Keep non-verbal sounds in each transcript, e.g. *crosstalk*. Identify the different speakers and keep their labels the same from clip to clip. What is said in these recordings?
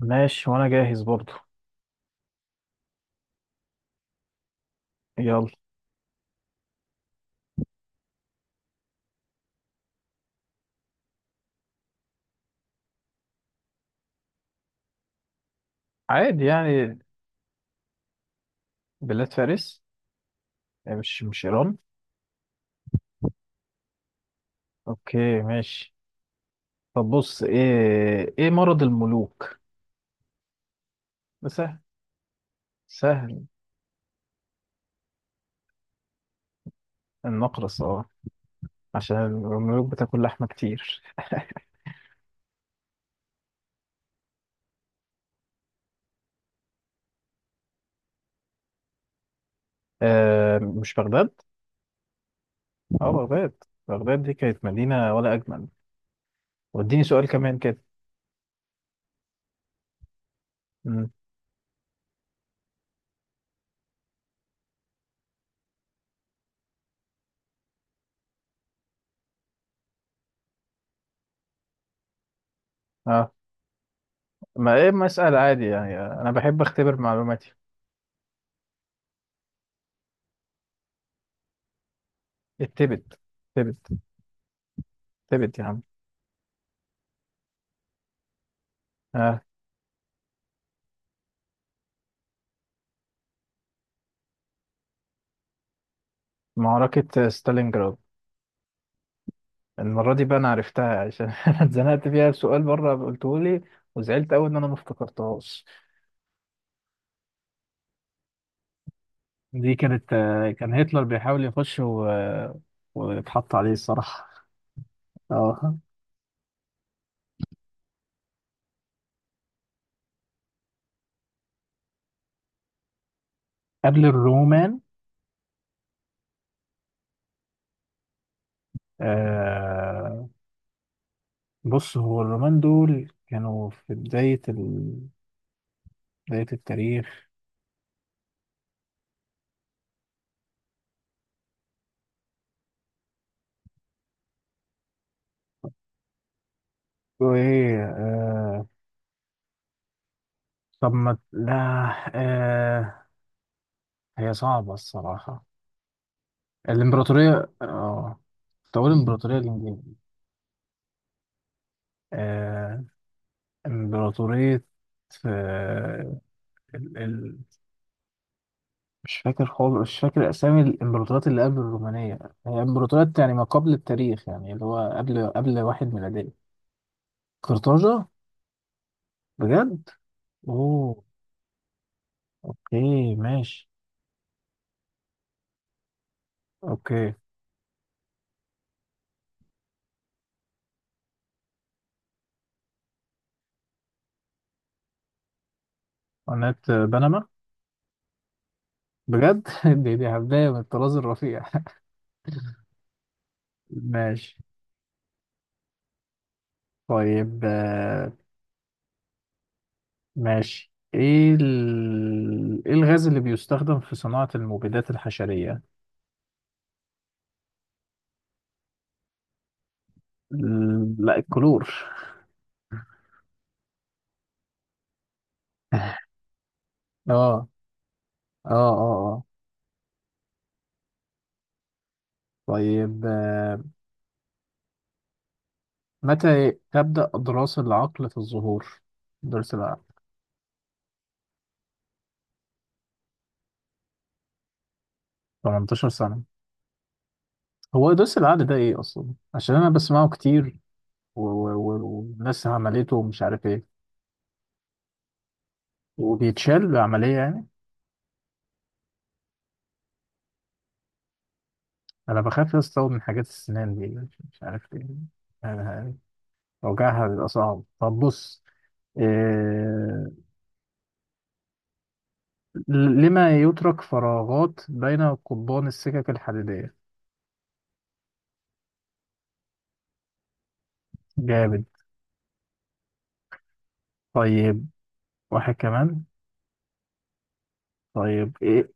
Speaker 1: ماشي، وانا جاهز برضو. يلا. عادي يعني. بلاد فارس. يعني مش ايران. اوكي، ماشي. طب بص، ايه مرض الملوك؟ ده سهل. سهل. النقرس، اه. عشان الملوك بتاكل لحمة كتير. آه، مش بغداد؟ اه، بغداد. بغداد دي كانت مدينة ولا اجمل. واديني سؤال كمان كده. مم. اه. ما ايه، ما اسال عادي يعني، انا بحب اختبر معلوماتي. التبت. تبت تبت يا عم. آه. معركة ستالينجراد. المرة دي بقى أنا عرفتها عشان *laughs* أنا اتزنقت فيها، سؤال بره قلته لي. وزعلت أوي إن أنا ما افتكرتهاش. دي كانت، كان هتلر بيحاول يخش واتحط عليه الصراحة. اه. قبل الرومان. آه، بص، هو الرومان دول كانوا في بداية بداية التاريخ. وإيه آه. طب ما لا. آه. هي صعبة الصراحة. الإمبراطورية، اه. طب أقول الإمبراطورية الإنجليزية. امبراطورية. آه، ال... ال... مش فاكر خالص، مش فاكر أسامي الإمبراطوريات اللي قبل الرومانية. هي إمبراطوريات يعني ما قبل التاريخ، يعني اللي هو قبل واحد ميلادية. قرطاجة. بجد؟ أوه. أوكي، ماشي. أوكي. قناة بنما. بجد! *laughs* دي هبداية من الطراز الرفيع. *laughs* ماشي. طيب، ماشي، ايه الغاز اللي بيستخدم في صناعة المبيدات الحشرية؟ لا، الكلور. *laughs* اه، اه، اه، اه. طيب، متى تبدأ دراسة العقل في الظهور؟ درس العقل. 18 سنة. هو درس العقل ده ايه اصلا؟ عشان انا بسمعه كتير، والناس عملته ومش عارف ايه. وبيتشال بعملية يعني. انا بخاف استوعب من حاجات السنان دي، مش عارف ايه. يعني وجعها بيبقى صعب. طب بص. إيه... لما يترك فراغات بين قضبان السكك الحديدية. جامد. طيب، واحد كمان. طيب إيه؟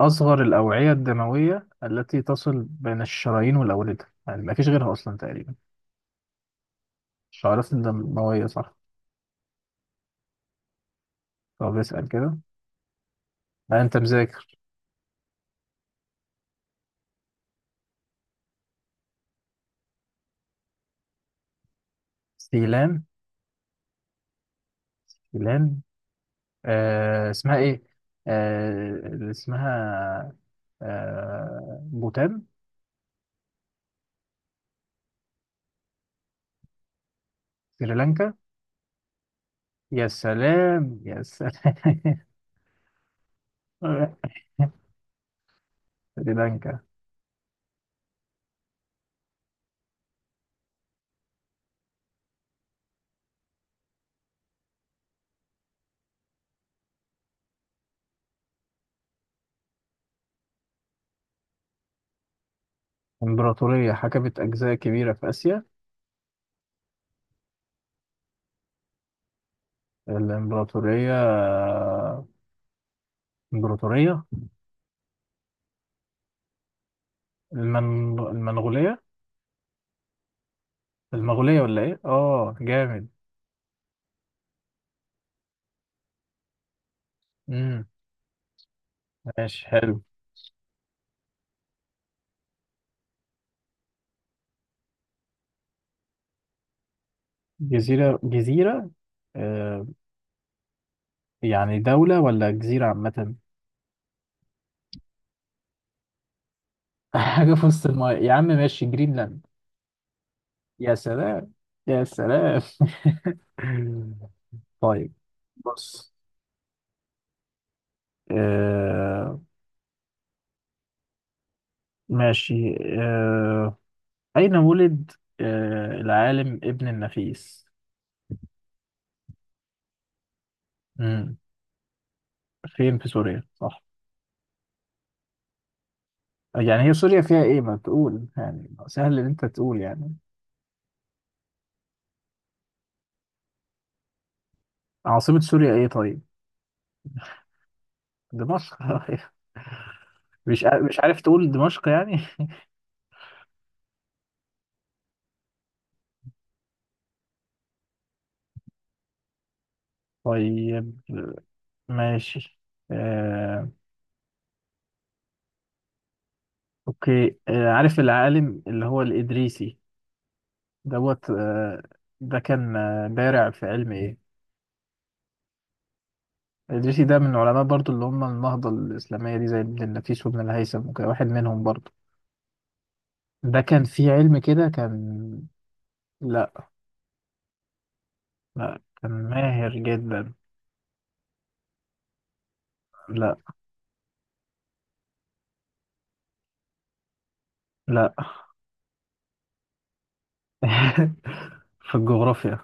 Speaker 1: أصغر الأوعية الدموية التي تصل بين الشرايين والأوردة، يعني ما فيش غيرها أصلا تقريبا. الشعيرات الدموية، صح. طب اسأل كده. لا، أنت مذاكر. سيلان. سيلان، آه، اسمها إيه؟ اللي اسمها آه، بوتان. سريلانكا. يا سلام، يا سلام. *laughs* سريلانكا. إمبراطورية حكمت أجزاء كبيرة في آسيا. الإمبراطورية. إمبراطورية المنغولية. المغولية ولا ايه؟ اه، جامد. امم. ماشي، حلو. جزيرة، جزيرة، آه. يعني دولة ولا جزيرة عامة؟ *laughs* حاجة في وسط الماء يا عم. ماشي، جرينلاند. يا سلام، يا سلام. *laughs* طيب. بص. آه، ماشي، آه أين ولد العالم ابن النفيس؟ مم. فين في سوريا؟ صح. يعني هي سوريا فيها ايه؟ ما تقول يعني سهل ان انت تقول يعني. عاصمة سوريا ايه طيب؟ دمشق. *laughs* مش عارف تقول دمشق يعني. *laughs* طيب، ماشي. آه، اوكي، عارف العالم اللي هو الإدريسي؟ دوت ده كان بارع في علم ايه؟ الإدريسي ده من العلماء برضو، اللي هم النهضة الإسلامية دي، زي ابن النفيس وابن الهيثم وكده، واحد منهم برضو. ده كان في علم كده، كان. لا، لا، كان ماهر جدا. لا، لا. *laughs* في الجغرافيا.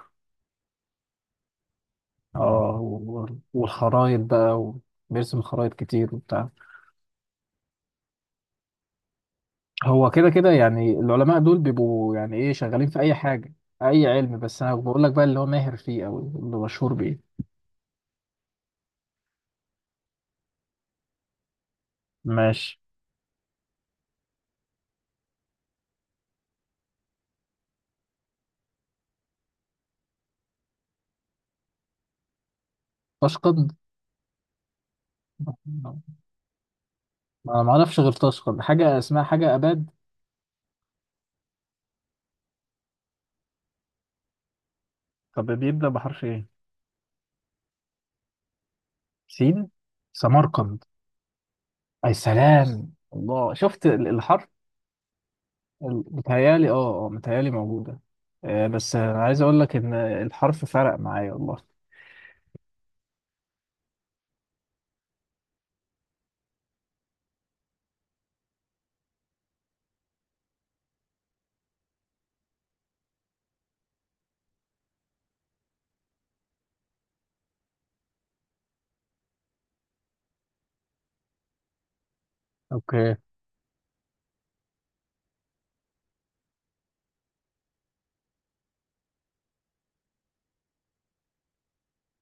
Speaker 1: اه، والخرايط بقى. وبيرسم خرايط كتير وبتاع. هو كده كده يعني، العلماء دول بيبقوا يعني ايه، شغالين في اي حاجة. اي علم، بس انا بقول لك بقى اللي هو ماهر فيه او اللي مشهور بيه. ماشي. تشقد. انا ما اعرفش غير تشقد، حاجة اسمها حاجة اباد. طب بيبدأ بحرف ايه؟ سين. سمرقند. اي سلام الله، شفت الحرف. متهيالي، اه، اه، متهيالي موجودة. بس انا عايز اقول لك ان الحرف فرق معايا والله. اوكي،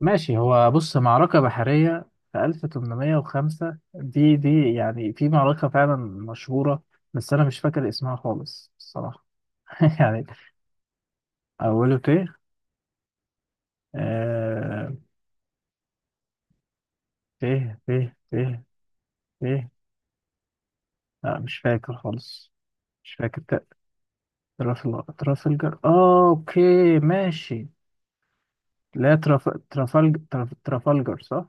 Speaker 1: ماشي. هو بص، معركة بحرية في 1805 دي يعني في معركة فعلا مشهورة. بس أنا مش فاكر اسمها خالص الصراحة. *laughs* يعني. أوله ت. آه. ت، ت، ت، ت. لا، مش فاكر خالص. مش فاكر ترافلجر، آه، أوكي. ماشي. لا، ترافلجر، صح؟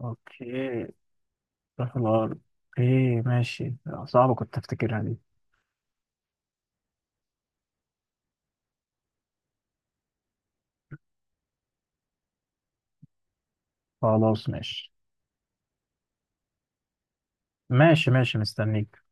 Speaker 1: أوكي، ترافلجر. أوكي، ماشي. صعبة، كنت أفتكرها دي. خلاص، ماشي. ماشي، ماشي، مستنيك.